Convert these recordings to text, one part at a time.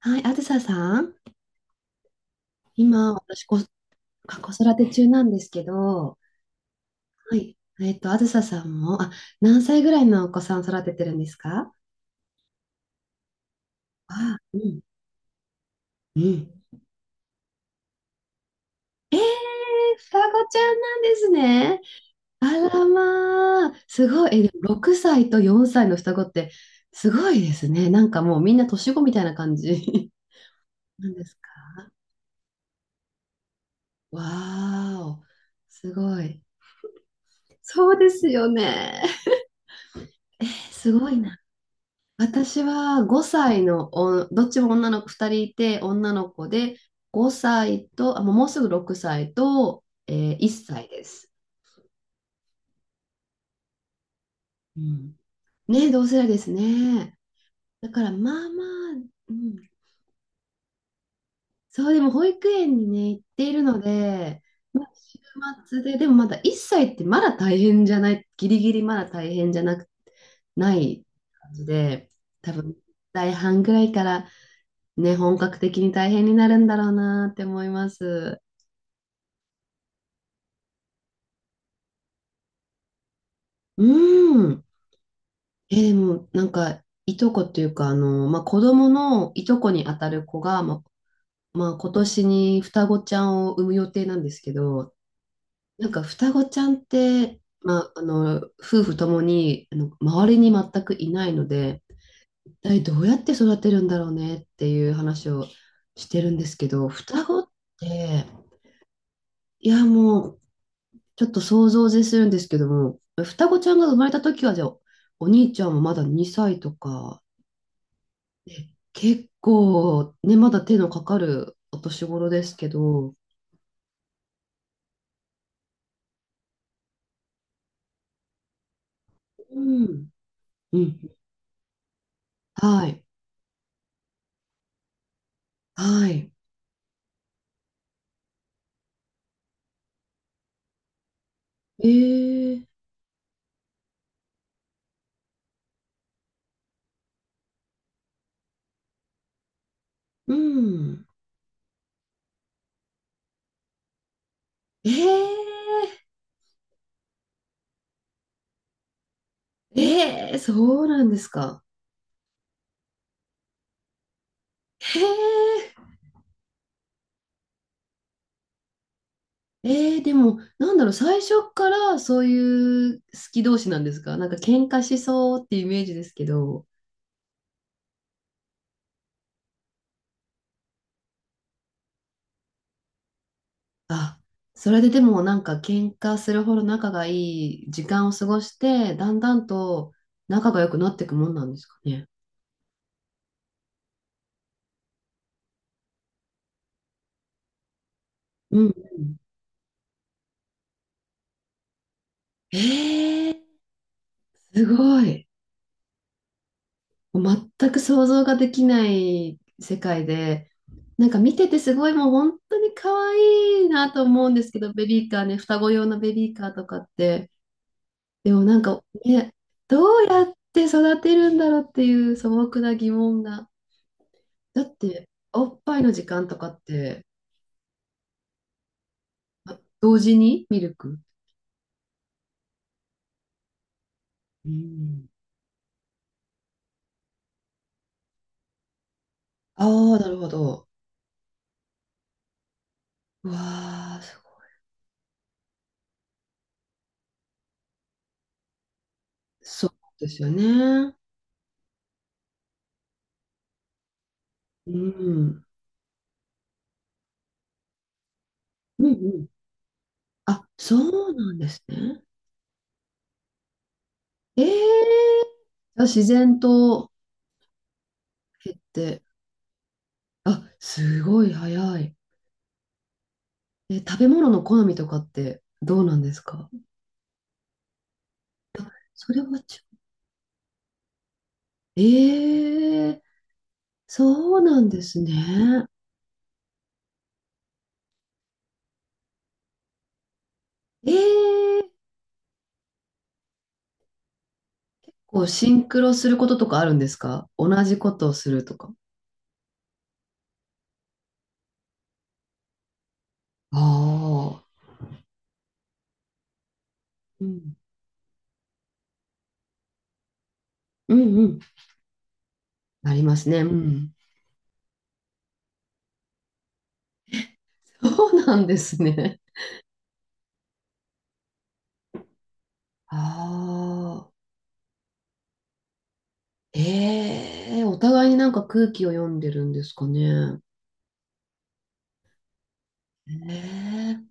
はい、あずささん、今、子育て中なんですけど、はい、あずささんも、何歳ぐらいのお子さん育ててるんですか？あ、うん、うん。えー、双子ちゃんなんですね。あらまあ、すごい、え、でも6歳と4歳の双子って、すごいですね。なんかもうみんな年子みたいな感じ なんですか？わーお、すごい。そうですよね。すごいな。私は5歳のどっちも女の子2人いて、女の子で5歳と、もうすぐ6歳と、1歳です。うん。ね、同世代ですね。だからまあまあ、うん、そう。でも、保育園にね、行っているので、まあ、週末で、でもまだ1歳ってまだ大変じゃない、ギリギリまだ大変じゃなく、ない感じで、多分、大半ぐらいからね、本格的に大変になるんだろうなって思います。うん。え、でも、なんか、いとこっていうか、あの、まあ、子供のいとこにあたる子が、まあ、今年に双子ちゃんを産む予定なんですけど、なんか双子ちゃんって、まあ、あの、夫婦ともに、あの、周りに全くいないので、一体どうやって育てるんだろうねっていう話をしてるんですけど、双子って、いや、もう、ちょっと想像を絶するんですけども、双子ちゃんが生まれた時は、じゃあ、お兄ちゃんもまだ2歳とか、ね、結構、ね、まだ手のかかるお年頃ですけど、うん、うん、はい、はい。えー、うん。えー、えー、そうなんですか。へええー、でも、なんだろう、最初からそういう好き同士なんですか？なんか喧嘩しそうっていうイメージですけど。あ、それででもなんか喧嘩するほど仲がいい時間を過ごして、だんだんと仲が良くなっていくもんなんですかね。うんうん。えー、すごい。もう全く想像ができない世界で、なんか見ててすごいもう本当に可愛いなと思うんですけど、ベビーカーね、双子用のベビーカーとかって。でもなんか、ね、どうやって育てるんだろうっていう素朴な疑問が。だって、おっぱいの時間とかって、同時にミルク。うん。ああ、なるほど。うわあ、すごい。そうですよね。うん。うんうん。あ、そうなんですね。ええー、あ、自然と減って。あ、すごい早い。え、食べ物の好みとかってどうなんですか？あ、それはちょ、ええー、そうなんですね。ええー、こう、シンクロすることとかあるんですか？同じことをするとか。ああ、うん。うんうん。なりますね。うん。そうなんですね。ああ、ええ、お互いになんか空気を読んでるんですかね。ええ、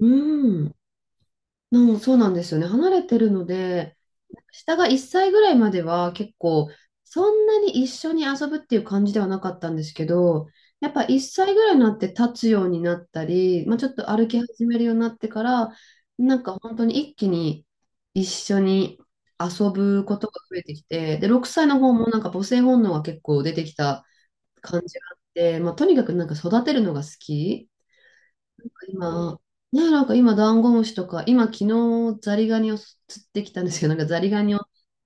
うん。うん、そうなんですよね。離れてるので、下が1歳ぐらいまでは結構、そんなに一緒に遊ぶっていう感じではなかったんですけど、やっぱ1歳ぐらいになって立つようになったり、まあ、ちょっと歩き始めるようになってから、なんか本当に一気に一緒に遊ぶことが増えてきて、で、6歳の方もなんか母性本能が結構出てきた感じがあって、まあ、とにかくなんか育てるのが好き。今、ね、なんか今、ダンゴムシとか、今、昨日、ザリガニを釣ってきたんですけど、なんかザリガニを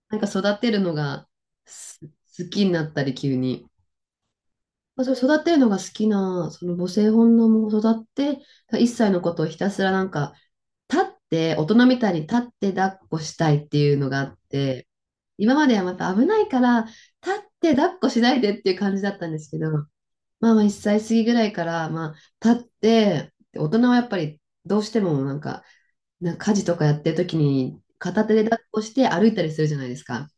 なんか育てるのがす好きになったり、急に。まあ、それ育てるのが好きな、その母性本能も育って、一歳のことをひたすらなんか、立って、大人みたいに立って抱っこしたいっていうのがあって、今まではまた危ないから、立って抱っこしないでっていう感じだったんですけど、まあまあ1歳過ぎぐらいから、まあ、立って、大人はやっぱりどうしてもなんか、家事とかやってる時に片手で抱っこして歩いたりするじゃないですか。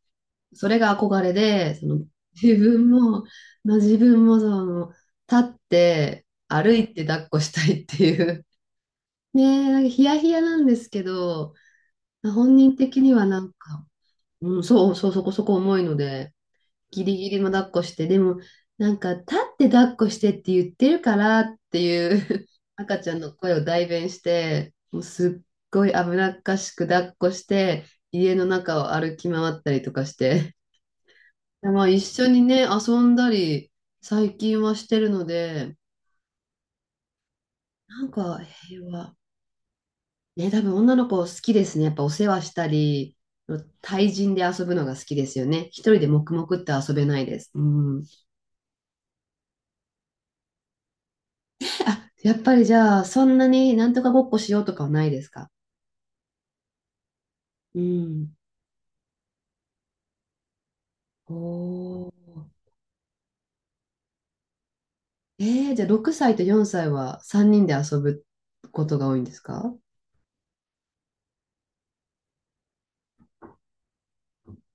それが憧れで、その自分も、の自分もその立って歩いて抱っこしたいっていう。ねえ、なんかヒヤヒヤなんですけど、本人的にはなんか、うん、そうそう、そこそこ重いので、ギリギリも抱っこして、でも、なんか、立って抱っこしてって言ってるからっていう 赤ちゃんの声を代弁して、もうすっごい危なっかしく抱っこして、家の中を歩き回ったりとかして、まあ一緒にね、遊んだり、最近はしてるので、なんか平和。ね、多分女の子好きですね。やっぱお世話したり、対人で遊ぶのが好きですよね。一人で黙々って遊べないです。うん。あ、やっぱりじゃあ、そんなになんとかごっこしようとかはないですか？うん。おー。えー、じゃあ6歳と4歳は3人で遊ぶことが多いんですか？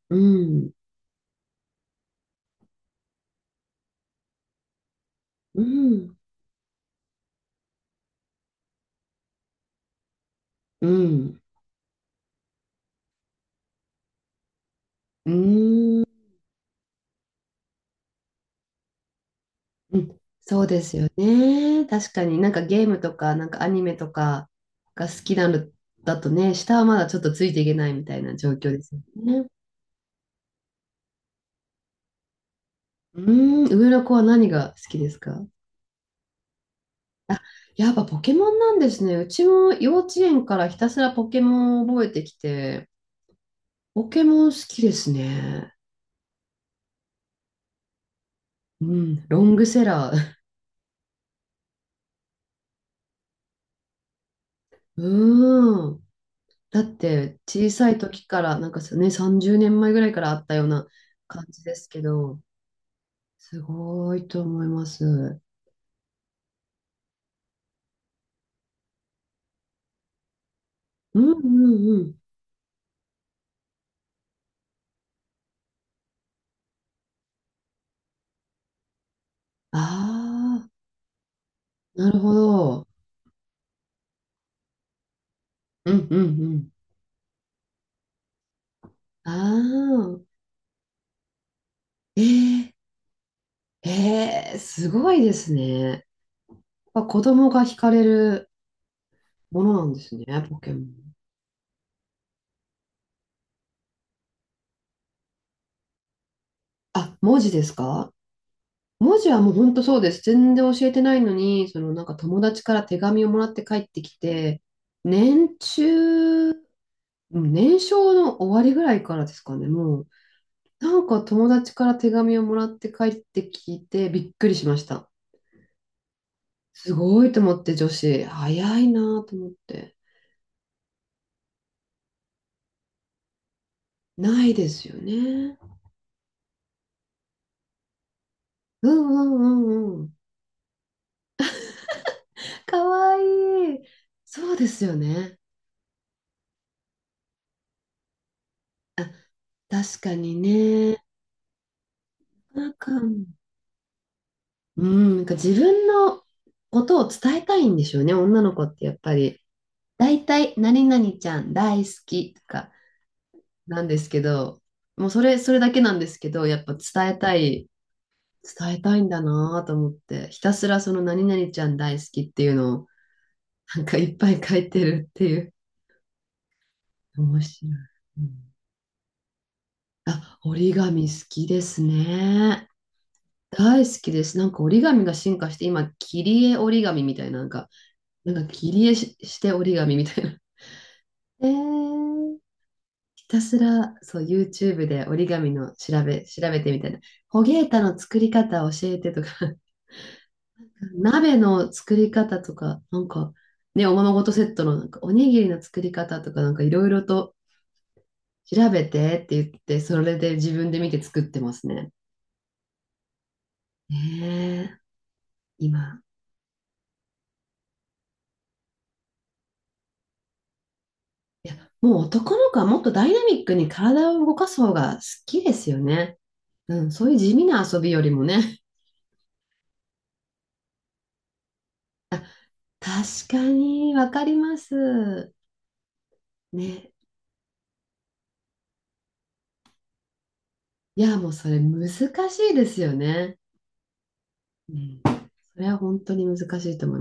うん。うん。うん。うん。うんそうですよね。確かになんかゲームとか、なんかアニメとかが好きなのだとね、下はまだちょっとついていけないみたいな状況ですよね。うん。上の子は何が好きですか？あ、やっぱポケモンなんですね。うちも幼稚園からひたすらポケモンを覚えてきて、ポケモン好きですね。うん、ロングセラー。うーん。だって小さい時から、なんかね、30年前ぐらいからあったような感じですけど、すごいと思います。うんうんうん。ああ、なるほど。うんうんうん。ああ、えー、えー、すごいですね。やっぱ子供が惹かれるものなんですね、ポケモン。あ、文字ですか？文字はもう本当そうです。全然教えてないのに、そのなんか友達から手紙をもらって帰ってきて、年中、うん、年少の終わりぐらいからですかね、もう。なんか友達から手紙をもらって帰ってきてびっくりしました。すごいと思って、女子。早いなと思って。ないですよね。うんうんうんうん。かわいい。そうですよね。確かにね。なんか、うん、なんか自分のことを伝えたいんでしょうね、女の子ってやっぱり。だいたい何々ちゃん大好きとかなんですけど、もうそれだけなんですけど、やっぱ伝えたい、伝えたいんだなぁと思って、ひたすらその何々ちゃん大好きっていうのを、なんかいっぱい書いてるっていう。面白い。うん、あ、折り紙好きですね。大好きです。なんか折り紙が進化して、今、切り絵折り紙みたいな、なんか切り絵し、して折り紙みたいな。えー、ひたすら、そう、YouTube で折り紙の調べてみたいな。ホゲータの作り方教えてとか、鍋の作り方とか、なんか、ね、おままごとセットのなんかおにぎりの作り方とか、なんかいろいろと調べてって言って、それで自分で見て作ってますね。ねえー、今。いや、もう男の子はもっとダイナミックに体を動かす方が好きですよね。うん、そういう地味な遊びよりもね。確かに、わかります。ね。いや、もうそれ難しいですよね。うん。それは本当に難しいと思います。